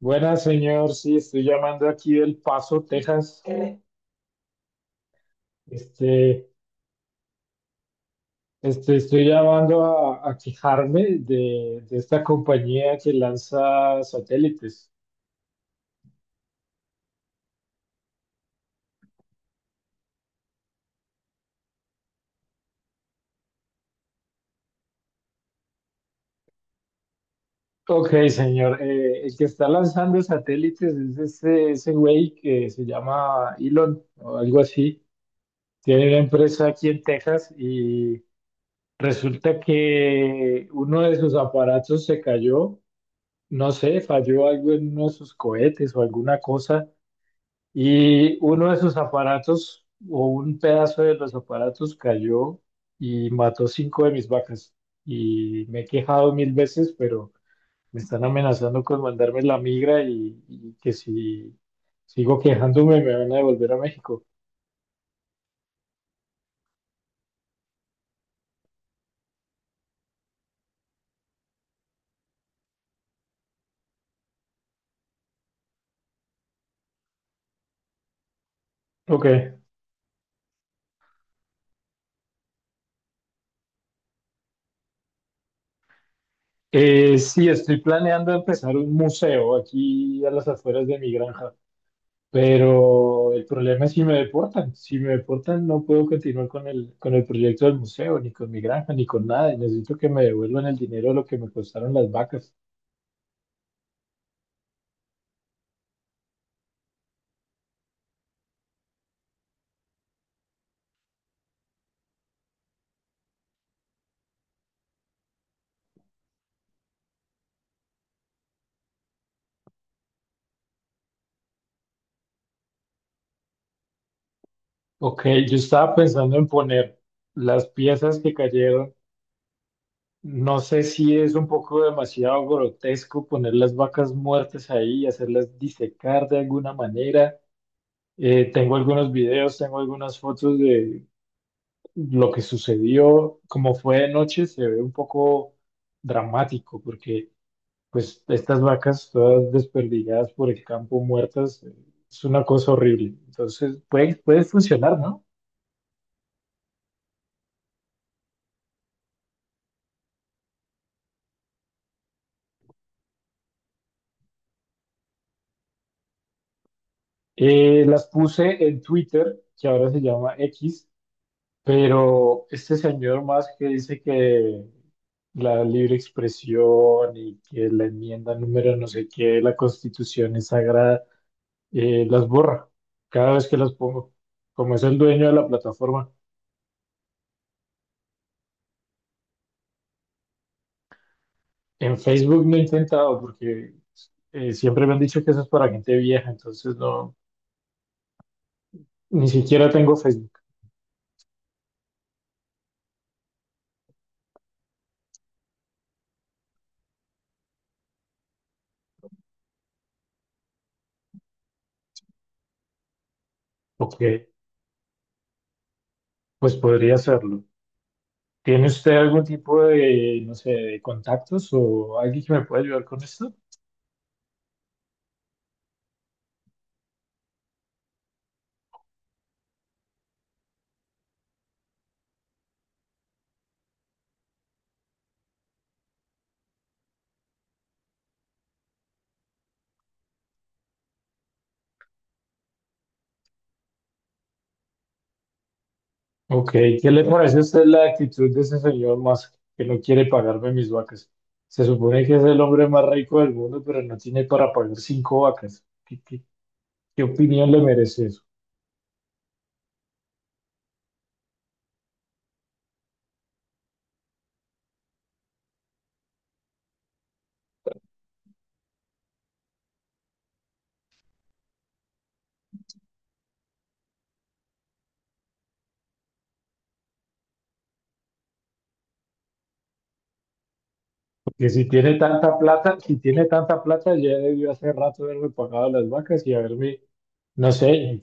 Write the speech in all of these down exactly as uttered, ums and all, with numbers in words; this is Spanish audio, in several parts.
Buenas, señor. Sí, estoy llamando aquí del Paso, Texas. Eh. Este, este, estoy llamando a, a quejarme de, de esta compañía que lanza satélites. Ok, señor. eh, el que está lanzando satélites es ese, ese güey que se llama Elon o algo así. Tiene una empresa aquí en Texas y resulta que uno de sus aparatos se cayó. No sé, falló algo en uno de sus cohetes o alguna cosa. Y uno de sus aparatos, o un pedazo de los aparatos, cayó y mató cinco de mis vacas. Y me he quejado mil veces, pero me están amenazando con mandarme la migra y, y que si sigo quejándome me van a devolver a México. Ok. Eh, sí, estoy planeando empezar un museo aquí a las afueras de mi granja. Pero el problema es si me deportan. Si me deportan, no puedo continuar con el, con el proyecto del museo, ni con mi granja, ni con nada. Y necesito que me devuelvan el dinero de lo que me costaron las vacas. Ok, yo estaba pensando en poner las piezas que cayeron. No sé si es un poco demasiado grotesco poner las vacas muertas ahí y hacerlas disecar de alguna manera. Eh, tengo algunos videos, tengo algunas fotos de lo que sucedió. Como fue de noche, se ve un poco dramático, porque pues estas vacas todas desperdigadas por el campo, muertas, eh, es una cosa horrible. Entonces, puede, puede funcionar, ¿no? Eh, las puse en Twitter, que ahora se llama X, pero este señor más que dice que la libre expresión y que la enmienda número no sé qué de la Constitución es sagrada. Eh, las borra cada vez que las pongo. Como es el dueño de la plataforma. En Facebook no he intentado porque eh, siempre me han dicho que eso es para gente vieja, entonces no, ni siquiera tengo Facebook. Ok, pues podría hacerlo. ¿Tiene usted algún tipo de, no sé, de contactos o alguien que me pueda ayudar con esto? Ok, ¿qué le parece a usted la actitud de ese señor Musk que no quiere pagarme mis vacas? Se supone que es el hombre más rico del mundo, pero no tiene para pagar cinco vacas. ¿Qué, qué- ¿Qué opinión le merece eso? Porque si tiene tanta plata, si tiene tanta plata, ya debió hace rato haberme pagado las vacas y haberme, no sé,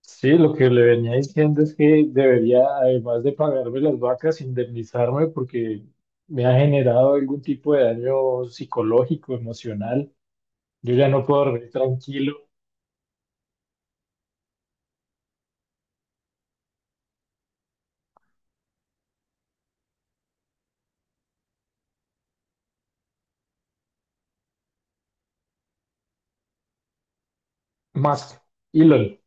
sí, lo que le venía diciendo es que debería, además de pagarme las vacas, indemnizarme porque me ha generado algún tipo de daño psicológico, emocional. Yo ya no puedo dormir tranquilo. Más, Elon.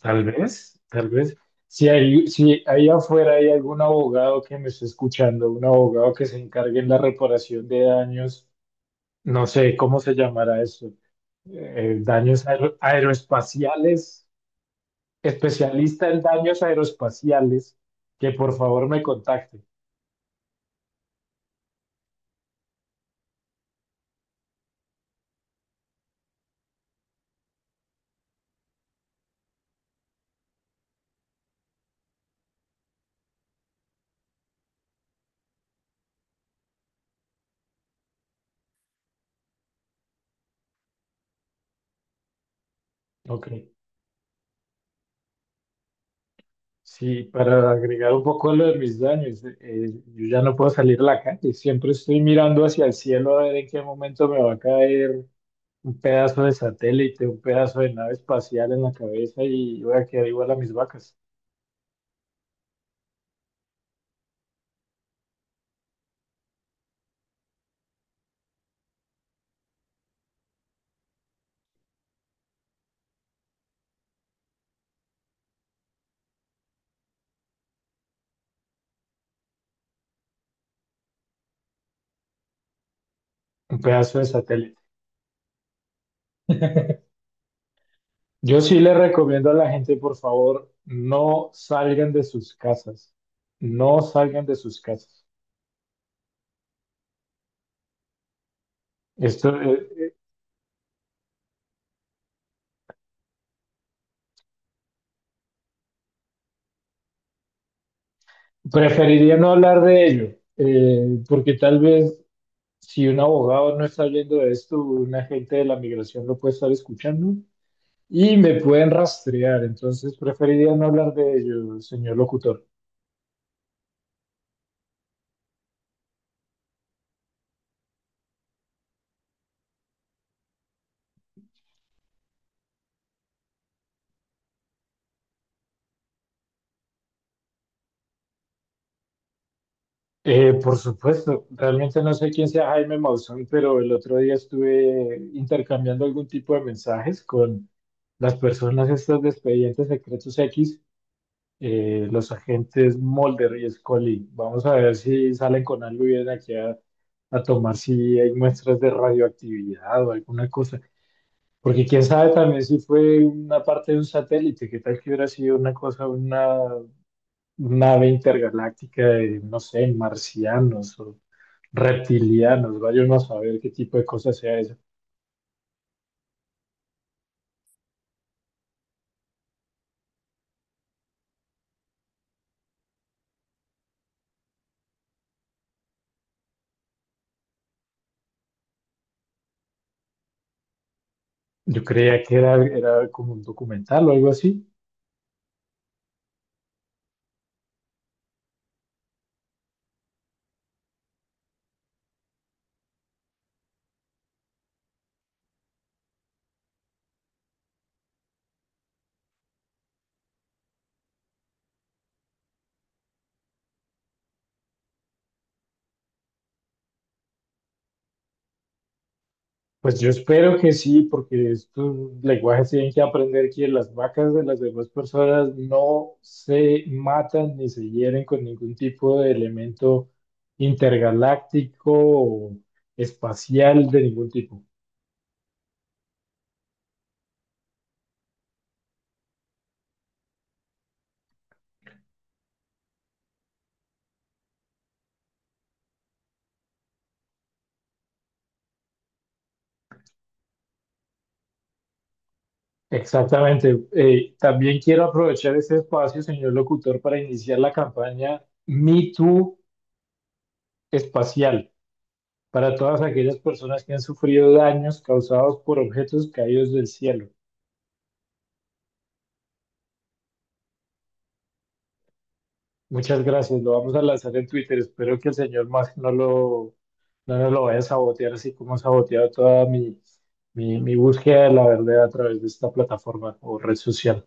Tal vez, tal vez. Si hay, si ahí afuera hay algún abogado que me esté escuchando, un abogado que se encargue en la reparación de daños, no sé cómo se llamará eso, eh, daños aero- aeroespaciales, especialista en daños aeroespaciales, que por favor me contacte. Ok. Sí, para agregar un poco lo de mis daños, eh, yo ya no puedo salir a la calle, siempre estoy mirando hacia el cielo a ver en qué momento me va a caer un pedazo de satélite, un pedazo de nave espacial en la cabeza y voy a quedar igual a mis vacas, un pedazo de satélite. Yo sí le recomiendo a la gente, por favor, no salgan de sus casas, no salgan de sus casas. Esto, eh, Preferiría no hablar de ello, eh, porque tal vez si un abogado no está viendo esto, un agente de la migración lo puede estar escuchando y me pueden rastrear, entonces preferiría no hablar de ello, señor locutor. Eh, por supuesto, realmente no sé quién sea Jaime Maussan, pero el otro día estuve intercambiando algún tipo de mensajes con las personas estas de Expedientes Secretos X, eh, los agentes Mulder y Scully. Vamos a ver si salen con algo y vienen aquí a, a tomar si hay muestras de radioactividad o alguna cosa. Porque quién sabe también si fue una parte de un satélite, qué tal que hubiera sido una cosa, una nave intergaláctica de, no sé, marcianos, reptilianos, vaya uno a saber qué tipo de cosa sea eso. Yo creía que era, era como un documental o algo así. Pues yo espero que sí, porque estos lenguajes tienen que aprender que las vacas de las demás personas no se matan ni se hieren con ningún tipo de elemento intergaláctico o espacial de ningún tipo. Exactamente. Eh, también quiero aprovechar este espacio, señor locutor, para iniciar la campaña Me Too espacial, para todas aquellas personas que han sufrido daños causados por objetos caídos del cielo. Muchas gracias, lo vamos a lanzar en Twitter. Espero que el señor Musk no lo, no nos lo vaya a sabotear así como ha saboteado toda mi, mi, mi búsqueda de la verdad a través de esta plataforma o red social.